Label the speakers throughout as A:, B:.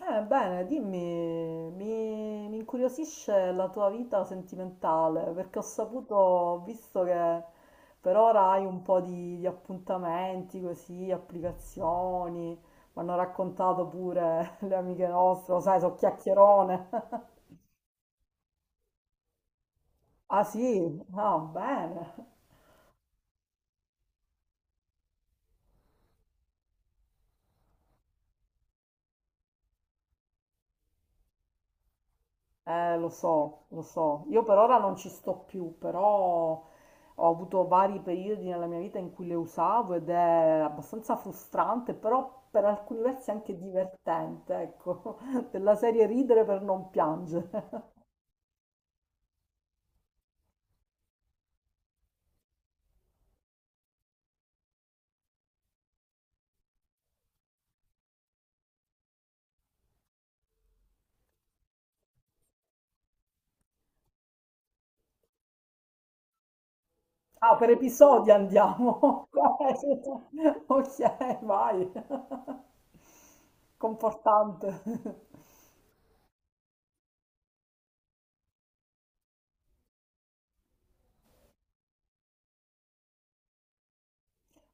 A: Bene, dimmi, mi incuriosisce la tua vita sentimentale, perché ho saputo, ho visto che per ora hai un po' di appuntamenti così, applicazioni, mi hanno raccontato pure le amiche nostre, lo sai, so chiacchierone. Ah sì? Ah, bene. Lo so, lo so. Io per ora non ci sto più, però ho avuto vari periodi nella mia vita in cui le usavo ed è abbastanza frustrante, però per alcuni versi anche divertente, ecco, della serie ridere per non piangere. Ah, per episodi andiamo. Ok, vai. Confortante.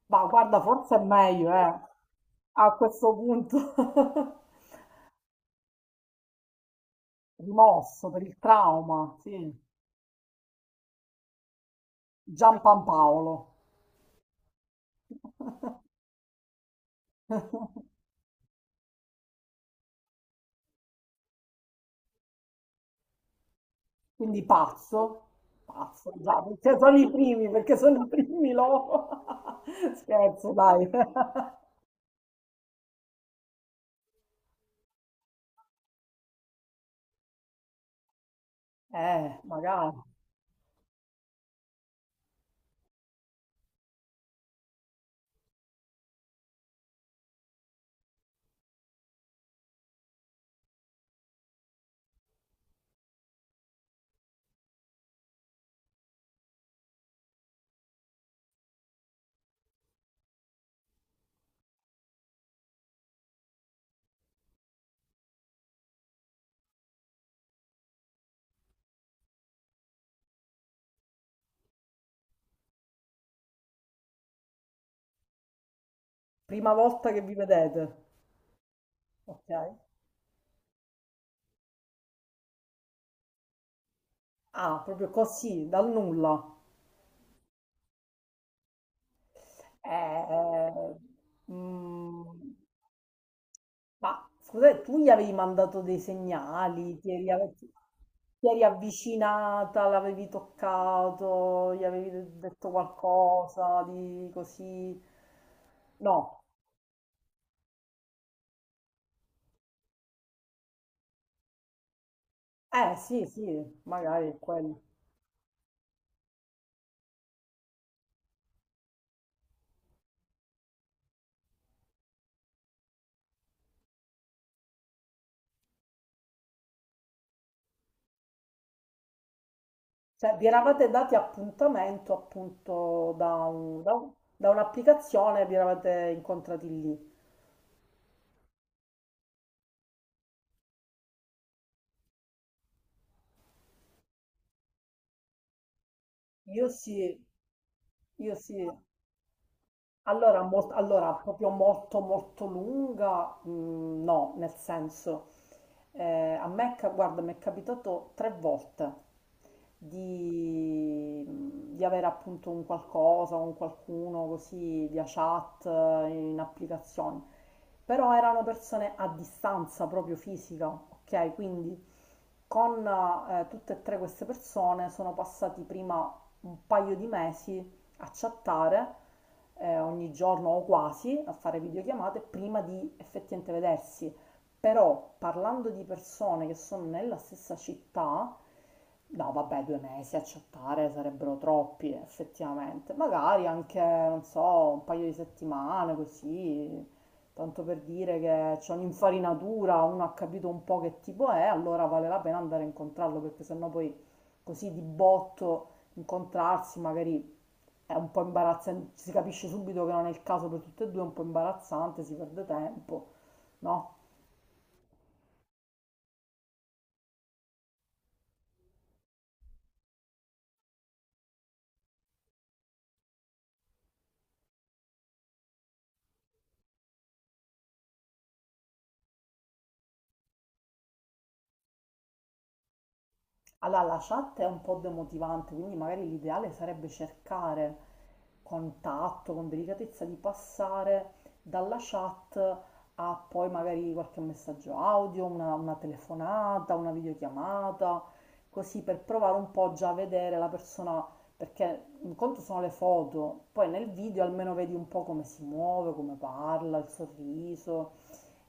A: Ma guarda, forse è meglio, a questo punto. Rimosso per il trauma, sì. Giampaolo. Quindi pazzo, pazzo, già, perché sono i primi, perché sono i primi loro. Scherzo, dai. Magari. Prima volta che vi vedete, ok? Ah, proprio così, dal nulla. Eh, eh, mm, ma scusate, tu gli avevi mandato dei segnali, ti eri avvicinata, l'avevi toccato, gli avevi detto qualcosa di così. No, eh sì, sì, magari è quello. Cioè, vi eravate dati appuntamento appunto da un'applicazione, vi eravate incontrati lì. Io sì, io sì. Allora, allora, proprio molto molto lunga, mm, no, nel senso. A me, guarda, mi è capitato 3 volte di, avere appunto un qualcosa, un qualcuno così via chat, in applicazioni, però erano persone a distanza proprio fisica, ok? Quindi con tutte e tre queste persone sono passati prima un paio di mesi a chattare ogni giorno o quasi, a fare videochiamate prima di effettivamente vedersi. Però parlando di persone che sono nella stessa città, no vabbè, 2 mesi a chattare sarebbero troppi effettivamente, magari anche, non so, un paio di settimane così, tanto per dire che c'è un'infarinatura, uno ha capito un po' che tipo è, allora vale la pena andare a incontrarlo, perché sennò poi così di botto incontrarsi magari è un po' imbarazzante, si capisce subito che non è il caso per tutte e due, è un po' imbarazzante, si perde tempo, no? Allora, la chat è un po' demotivante, quindi magari l'ideale sarebbe cercare con tatto, con delicatezza, di passare dalla chat a poi magari qualche messaggio audio, una telefonata, una videochiamata, così per provare un po' già a vedere la persona, perché un conto sono le foto, poi nel video almeno vedi un po' come si muove, come parla, il sorriso,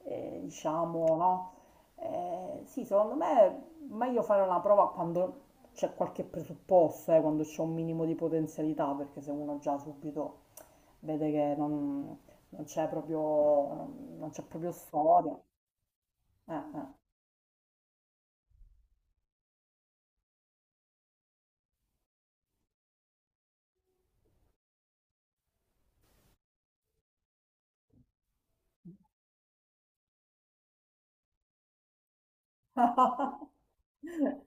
A: diciamo, no? Sì, secondo me, ma io farò una prova quando c'è qualche presupposto, quando c'è un minimo di potenzialità, perché se uno già subito vede che non c'è proprio, non c'è proprio, storia. Eh.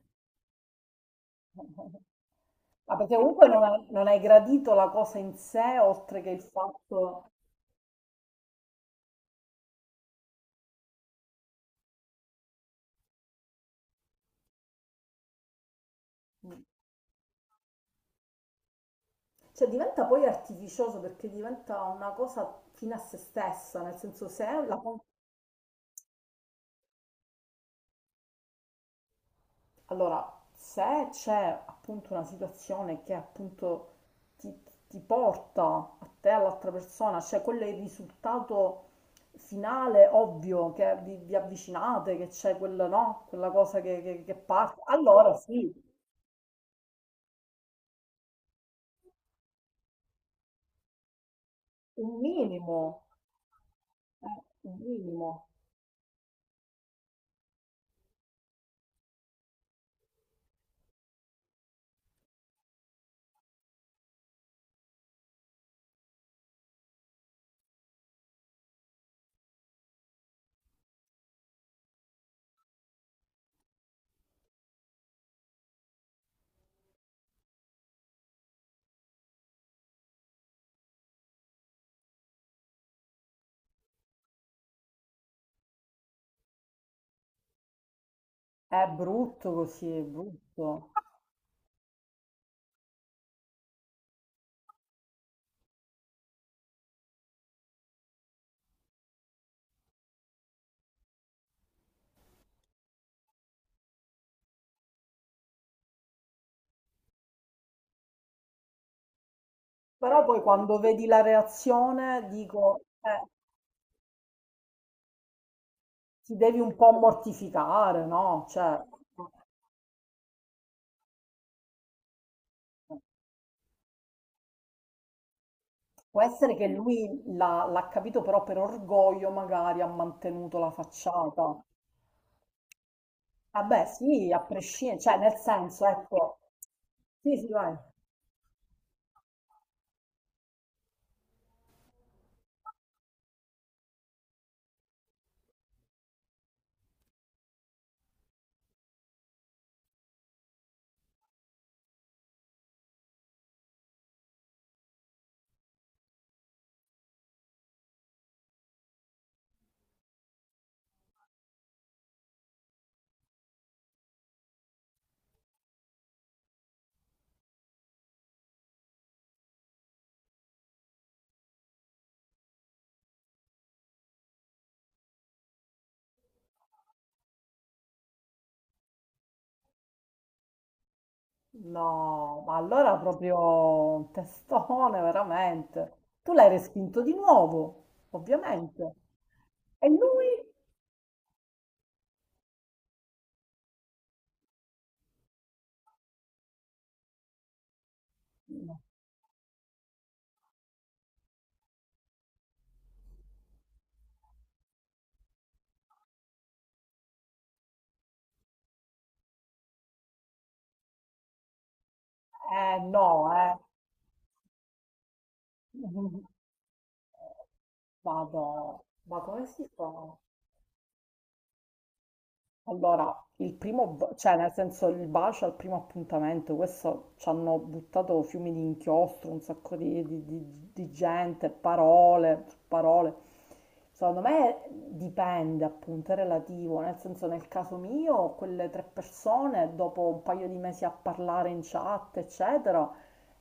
A: Ma perché comunque non hai gradito la cosa in sé, oltre che il fatto... Cioè diventa poi artificioso, perché diventa una cosa fine a se stessa, nel senso se è la. Allora, se c'è appunto una situazione che appunto ti, ti porta a te, all'altra persona, cioè quello è il risultato finale, ovvio, che vi avvicinate, che c'è quella, no? Quella cosa che, che parte, allora sì, un minimo, un minimo. È brutto così, è brutto. Però poi quando vedi la reazione dico, ti devi un po' mortificare, no? Cioè... Può essere che lui l'ha capito, però per orgoglio magari ha mantenuto la facciata. Vabbè, sì, a prescindere, cioè nel senso, ecco. Sì, sì, vai. No, ma allora proprio un testone, veramente. Tu l'hai respinto di nuovo, ovviamente. E lui? Eh no, eh. Vado. Ma come si fa? Allora, cioè nel senso il bacio al primo appuntamento, questo ci hanno buttato fiumi di inchiostro, un sacco di gente, parole, su parole. Secondo me dipende, appunto, è relativo, nel senso nel caso mio, quelle tre persone, dopo un paio di mesi a parlare in chat, eccetera,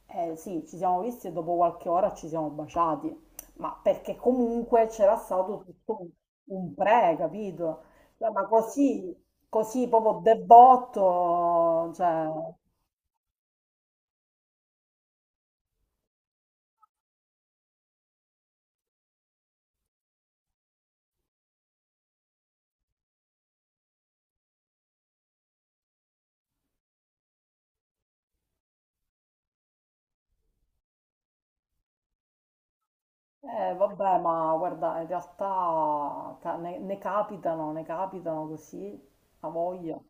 A: sì, ci siamo visti e dopo qualche ora ci siamo baciati, ma perché comunque c'era stato tutto un pre, capito? Cioè, ma così, così proprio debotto, cioè, vabbè, ma guarda, in realtà ne, capitano, ne capitano così, a voglia.